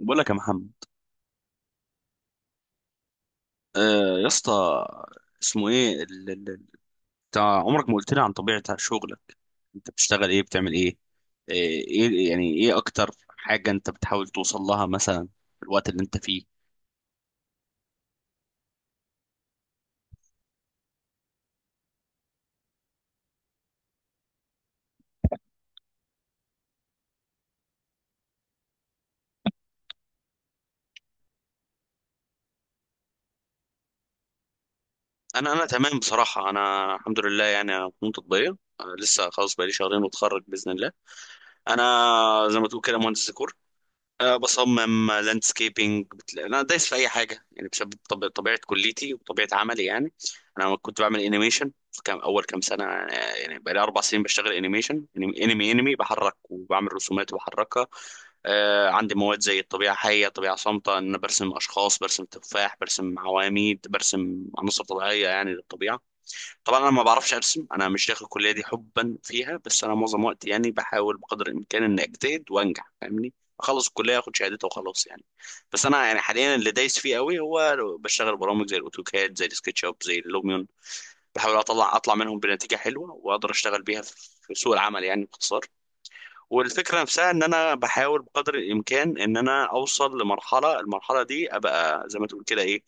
بقول لك يا محمد. آه يا اسطى. اسمه ايه بتاع عمرك ما قلت لي عن طبيعة شغلك. انت بتشتغل ايه بتعمل ايه؟ ايه يعني ايه اكتر حاجة انت بتحاول توصل لها مثلا في الوقت اللي انت فيه؟ انا تمام بصراحة، انا الحمد لله، يعني انا فنون تطبيقية، لسه خلاص بقالي شهرين واتخرج بإذن الله. انا زي ما تقول كده مهندس ديكور، أه بصمم لاندسكيبنج. انا دايس في اي حاجه يعني، بسبب طبيعه كليتي وطبيعه عملي يعني. انا كنت بعمل انيميشن في كام اول كام سنه آه، يعني بقالي اربع سنين بشتغل انيميشن، انمي بحرك وبعمل رسومات وبحركها. عندي مواد زي الطبيعه حيه، طبيعه صامته، ان انا برسم اشخاص، برسم تفاح، برسم عواميد، برسم عناصر طبيعيه يعني للطبيعه. طبعا انا ما بعرفش ارسم، انا مش داخل الكليه دي حبا فيها، بس انا معظم وقتي يعني بحاول بقدر الامكان اني اجتهد وانجح، فاهمني. اخلص الكليه اخد شهادتها وخلاص يعني. بس انا يعني حاليا اللي دايس فيه قوي هو بشتغل برامج زي الاوتوكاد، زي السكتش اب، زي اللوميون. بحاول اطلع منهم بنتيجه حلوه واقدر اشتغل بيها في سوق العمل يعني باختصار. والفكره نفسها ان انا بحاول بقدر الامكان ان انا اوصل لمرحله المرحله دي، ابقى زي ما تقول كده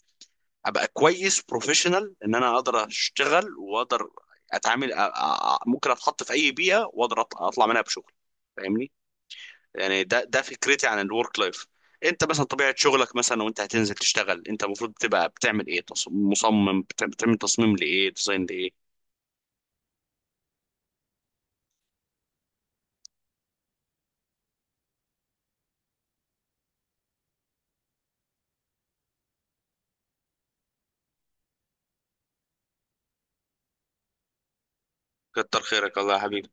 ابقى كويس بروفيشنال، ان انا اقدر اشتغل واقدر اتعامل، ممكن اتحط في اي بيئه واقدر اطلع منها بشغل، فاهمني. يعني ده فكرتي عن الورك لايف. انت مثلا طبيعه شغلك مثلا، وانت هتنزل تشتغل، انت المفروض تبقى بتعمل ايه؟ مصمم بتعمل تصميم لايه؟ ديزاين لايه؟ كتر خيرك الله يا حبيبي.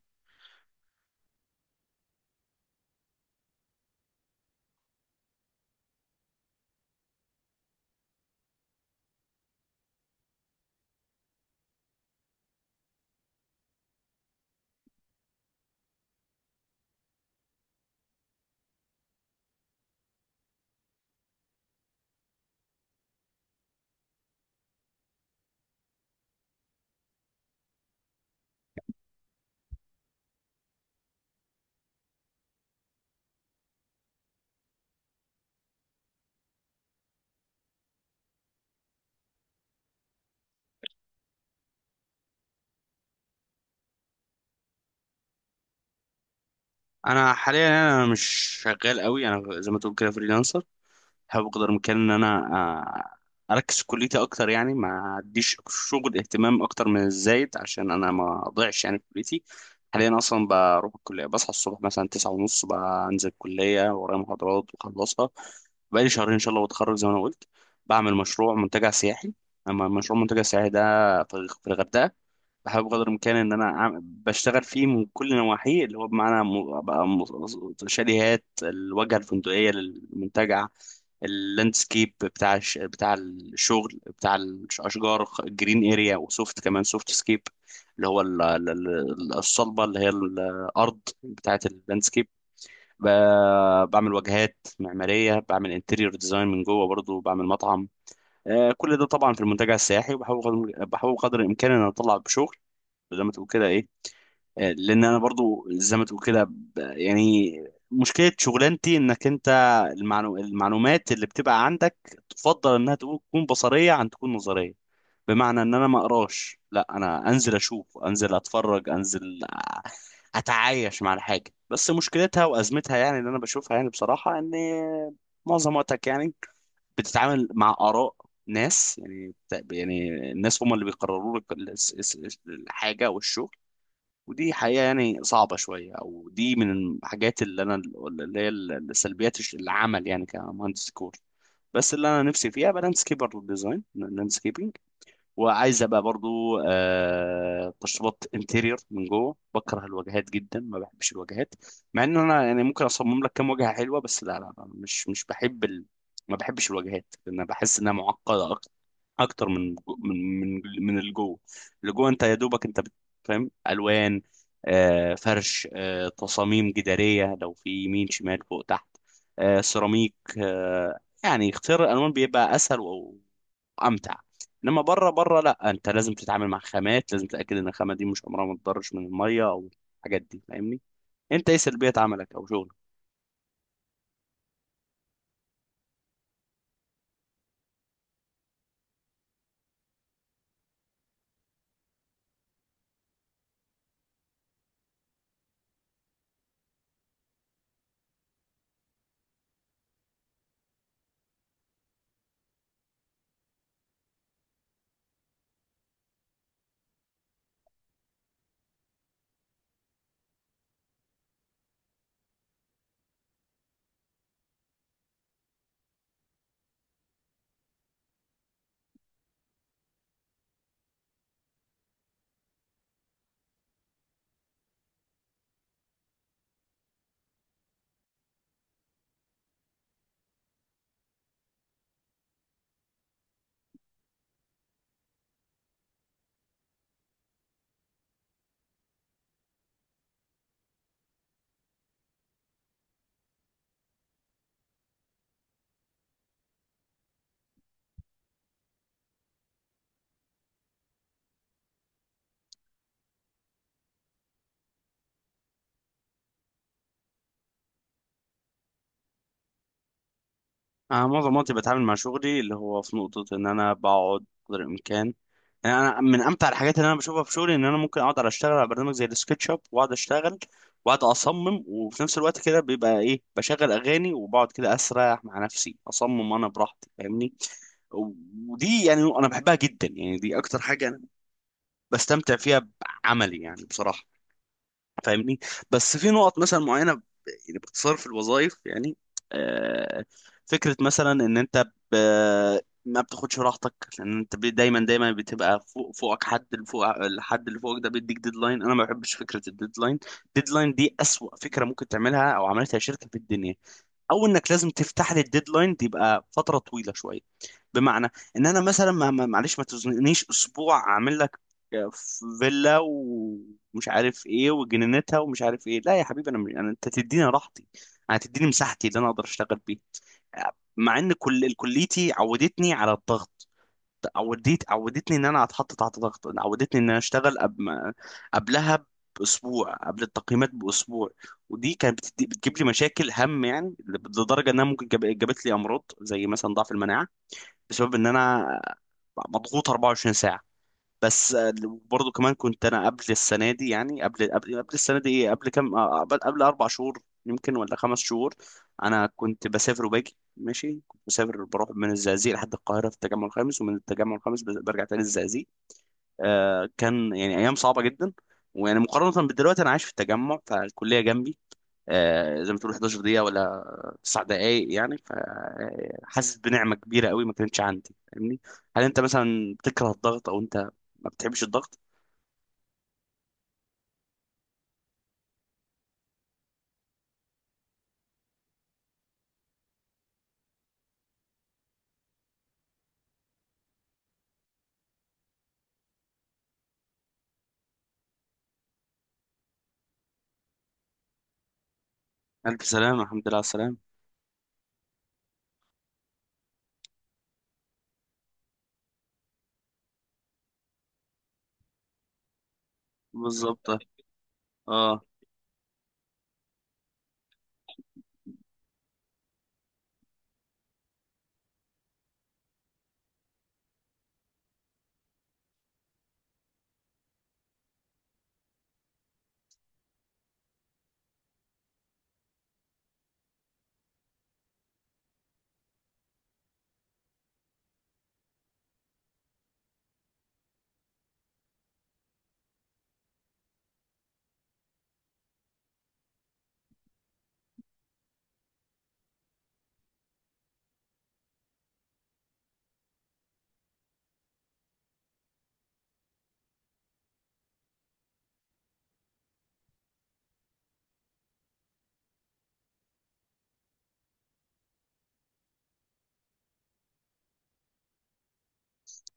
انا حاليا مش شغال قوي، انا زي ما تقول كده فريلانسر. بحاول بقدر الامكان ان انا اركز في كليتي اكتر، يعني ما اديش شغل اهتمام اكتر من الزايد عشان انا ما اضيعش يعني في كليتي. حاليا اصلا بروح الكليه، بصحى الصبح مثلا تسعة ونص بنزل الكليه، ورايا محاضرات بخلصها. بقالي شهرين ان شاء الله واتخرج زي ما انا قلت. بعمل مشروع منتجع سياحي. اما مشروع منتجع سياحي ده في الغردقه. بحاول بقدر الامكان ان انا أعمل بشتغل فيه من كل نواحيه، اللي هو بمعنى شاليهات الواجهه الفندقيه للمنتجع، اللاندسكيب بتاع الشغل بتاع الاشجار، جرين اريا، وسوفت كمان سوفت سكيب اللي هو الصلبه اللي هي الارض بتاعه اللاندسكيب. بعمل واجهات معماريه، بعمل انتيريور ديزاين من جوه، برضو بعمل مطعم. كل ده طبعا في المنتجع السياحي. وبحاول قدر الامكان ان أنا اطلع بشغل زي ما تقول كده ايه. لان انا برضو زي ما تقول كده يعني مشكله شغلانتي انك انت المعلومات اللي بتبقى عندك تفضل انها تكون بصريه عن تكون نظريه. بمعنى ان انا ما اقراش، لا انا انزل اشوف، انزل اتفرج، انزل اتعايش مع الحاجه. بس مشكلتها وازمتها يعني اللي انا بشوفها يعني بصراحه، ان معظم وقتك يعني بتتعامل مع آراء ناس، يعني يعني الناس هم اللي بيقرروا لك الحاجة والشغل. ودي حقيقة يعني صعبة شوية، أو دي من الحاجات اللي أنا اللي هي العمل يعني كمهندس ديكور. بس اللي أنا نفسي فيها بقى لاندسكيبر ديزاين لاندسكيبنج، وعايز أبقى برضو آه تشطيبات انتيريور من جوه. بكره الواجهات جدا، ما بحبش الواجهات، مع إن أنا يعني ممكن أصمم لك كام واجهة حلوة، بس لا لا لا، مش بحب ال... ما بحبش الواجهات لأن بحس إنها معقدة اكتر من من اللي جوه. اللي جوه انت يا دوبك انت فاهم الوان، فرش، تصاميم جداريه لو في يمين شمال فوق تحت، سيراميك. يعني اختيار الالوان بيبقى اسهل و- وامتع. انما بره لا، انت لازم تتعامل مع خامات، لازم تتاكد ان الخامه دي مش عمرها ما تضرش من الميه او الحاجات دي، فاهمني. انت ايه سلبيات عملك او شغلك؟ انا معظم وقتي بتعامل مع شغلي اللي هو في نقطة ان انا بقعد قدر الامكان. يعني انا من امتع الحاجات اللي انا بشوفها في شغلي ان انا ممكن اقعد على اشتغل على برنامج زي السكتش اب، واقعد اشتغل واقعد اصمم، وفي نفس الوقت كده بيبقى ايه بشغل اغاني وبقعد كده اسرح مع نفسي اصمم انا براحتي، فاهمني. ودي يعني انا بحبها جدا، يعني دي اكتر حاجة انا بستمتع فيها بعملي يعني بصراحة، فاهمني. بس في نقط مثلا معينه يعني باختصار في الوظائف يعني، آه، فكره مثلا ان انت ب- ما بتاخدش راحتك، لان انت دايما بتبقى فوق، فوقك حد اللي فوق الحد اللي فوقك ده بيديك ديدلاين. انا ما بحبش فكره الديدلاين. ديدلاين دي اسوأ فكره ممكن تعملها او عملتها شركه في الدنيا. او انك لازم تفتح لي الديدلاين دي، يبقى فتره طويله شويه. بمعنى ان انا مثلا معلش ما تزنقنيش اسبوع اعمل لك آه، فيلا ومش عارف ايه وجنينتها ومش عارف ايه. لا يا حبيبي انا مش... أنا انت تديني راحتي، انا تديني مساحتي اللي انا اقدر اشتغل بيها. مع ان كل كليتي عودتني على الضغط، عودتني ان انا اتحط تحت ضغط، عودتني ان انا اشتغل قبل ما قبلها باسبوع، قبل التقييمات باسبوع. ودي كانت بتدي... بتجيب لي مشاكل هم يعني، لدرجه انها ممكن جاب... جابت لي امراض زي مثلا ضعف المناعه، بسبب ان انا مضغوط 24 ساعه. بس برضه كمان كنت انا قبل السنه دي يعني قبل السنه دي ايه قبل كام قبل اربع شهور يمكن ولا خمس شهور. انا كنت بسافر وباجي ماشي، كنت بسافر بروح من الزقازيق لحد القاهره في التجمع الخامس، ومن التجمع الخامس برجع تاني الزقازيق. آه كان يعني ايام صعبه جدا. ويعني مقارنه بدلوقتي انا عايش في التجمع فالكليه جنبي، زي ما تقول 11 دقيقة ولا 9 دقايق يعني، فحاسس بنعمة كبيرة قوي ما كانتش عندي، فاهمني. هل انت مثلا بتكره الضغط او انت ما بتحبش الضغط؟ الف سلامة، الحمد لله على السلامة. بالظبط اه.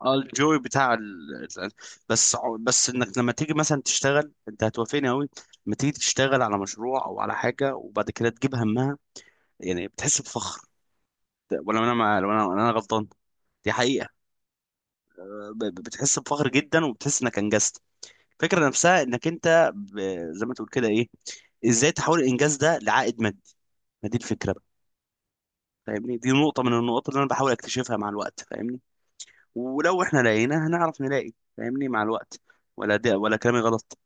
اه الجوي بتاع بس بس انك لما تيجي مثلا تشتغل انت هتوافقني قوي، لما تيجي تشتغل على مشروع او على حاجة وبعد كده تجيب همها يعني، بتحس بفخر. ولا انا مع... ولا انا ولا انا غلطان؟ دي حقيقة. بتحس بفخر جدا وبتحس انك انجزت. الفكره نفسها انك انت زي ما تقول كده ايه، ازاي تحول الانجاز ده لعائد مادي؟ ما دي الفكره بقى، فاهمني. دي نقطه من النقاط اللي انا بحاول اكتشفها مع الوقت، فاهمني. ولو احنا لقينا هنعرف نلاقي فاهمني مع الوقت. ولا ده ولا كلامي غلط؟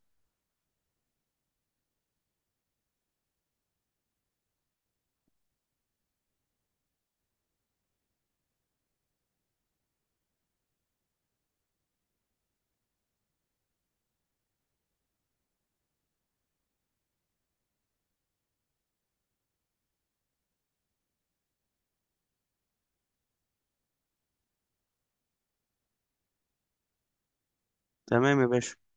تمام يا باشا.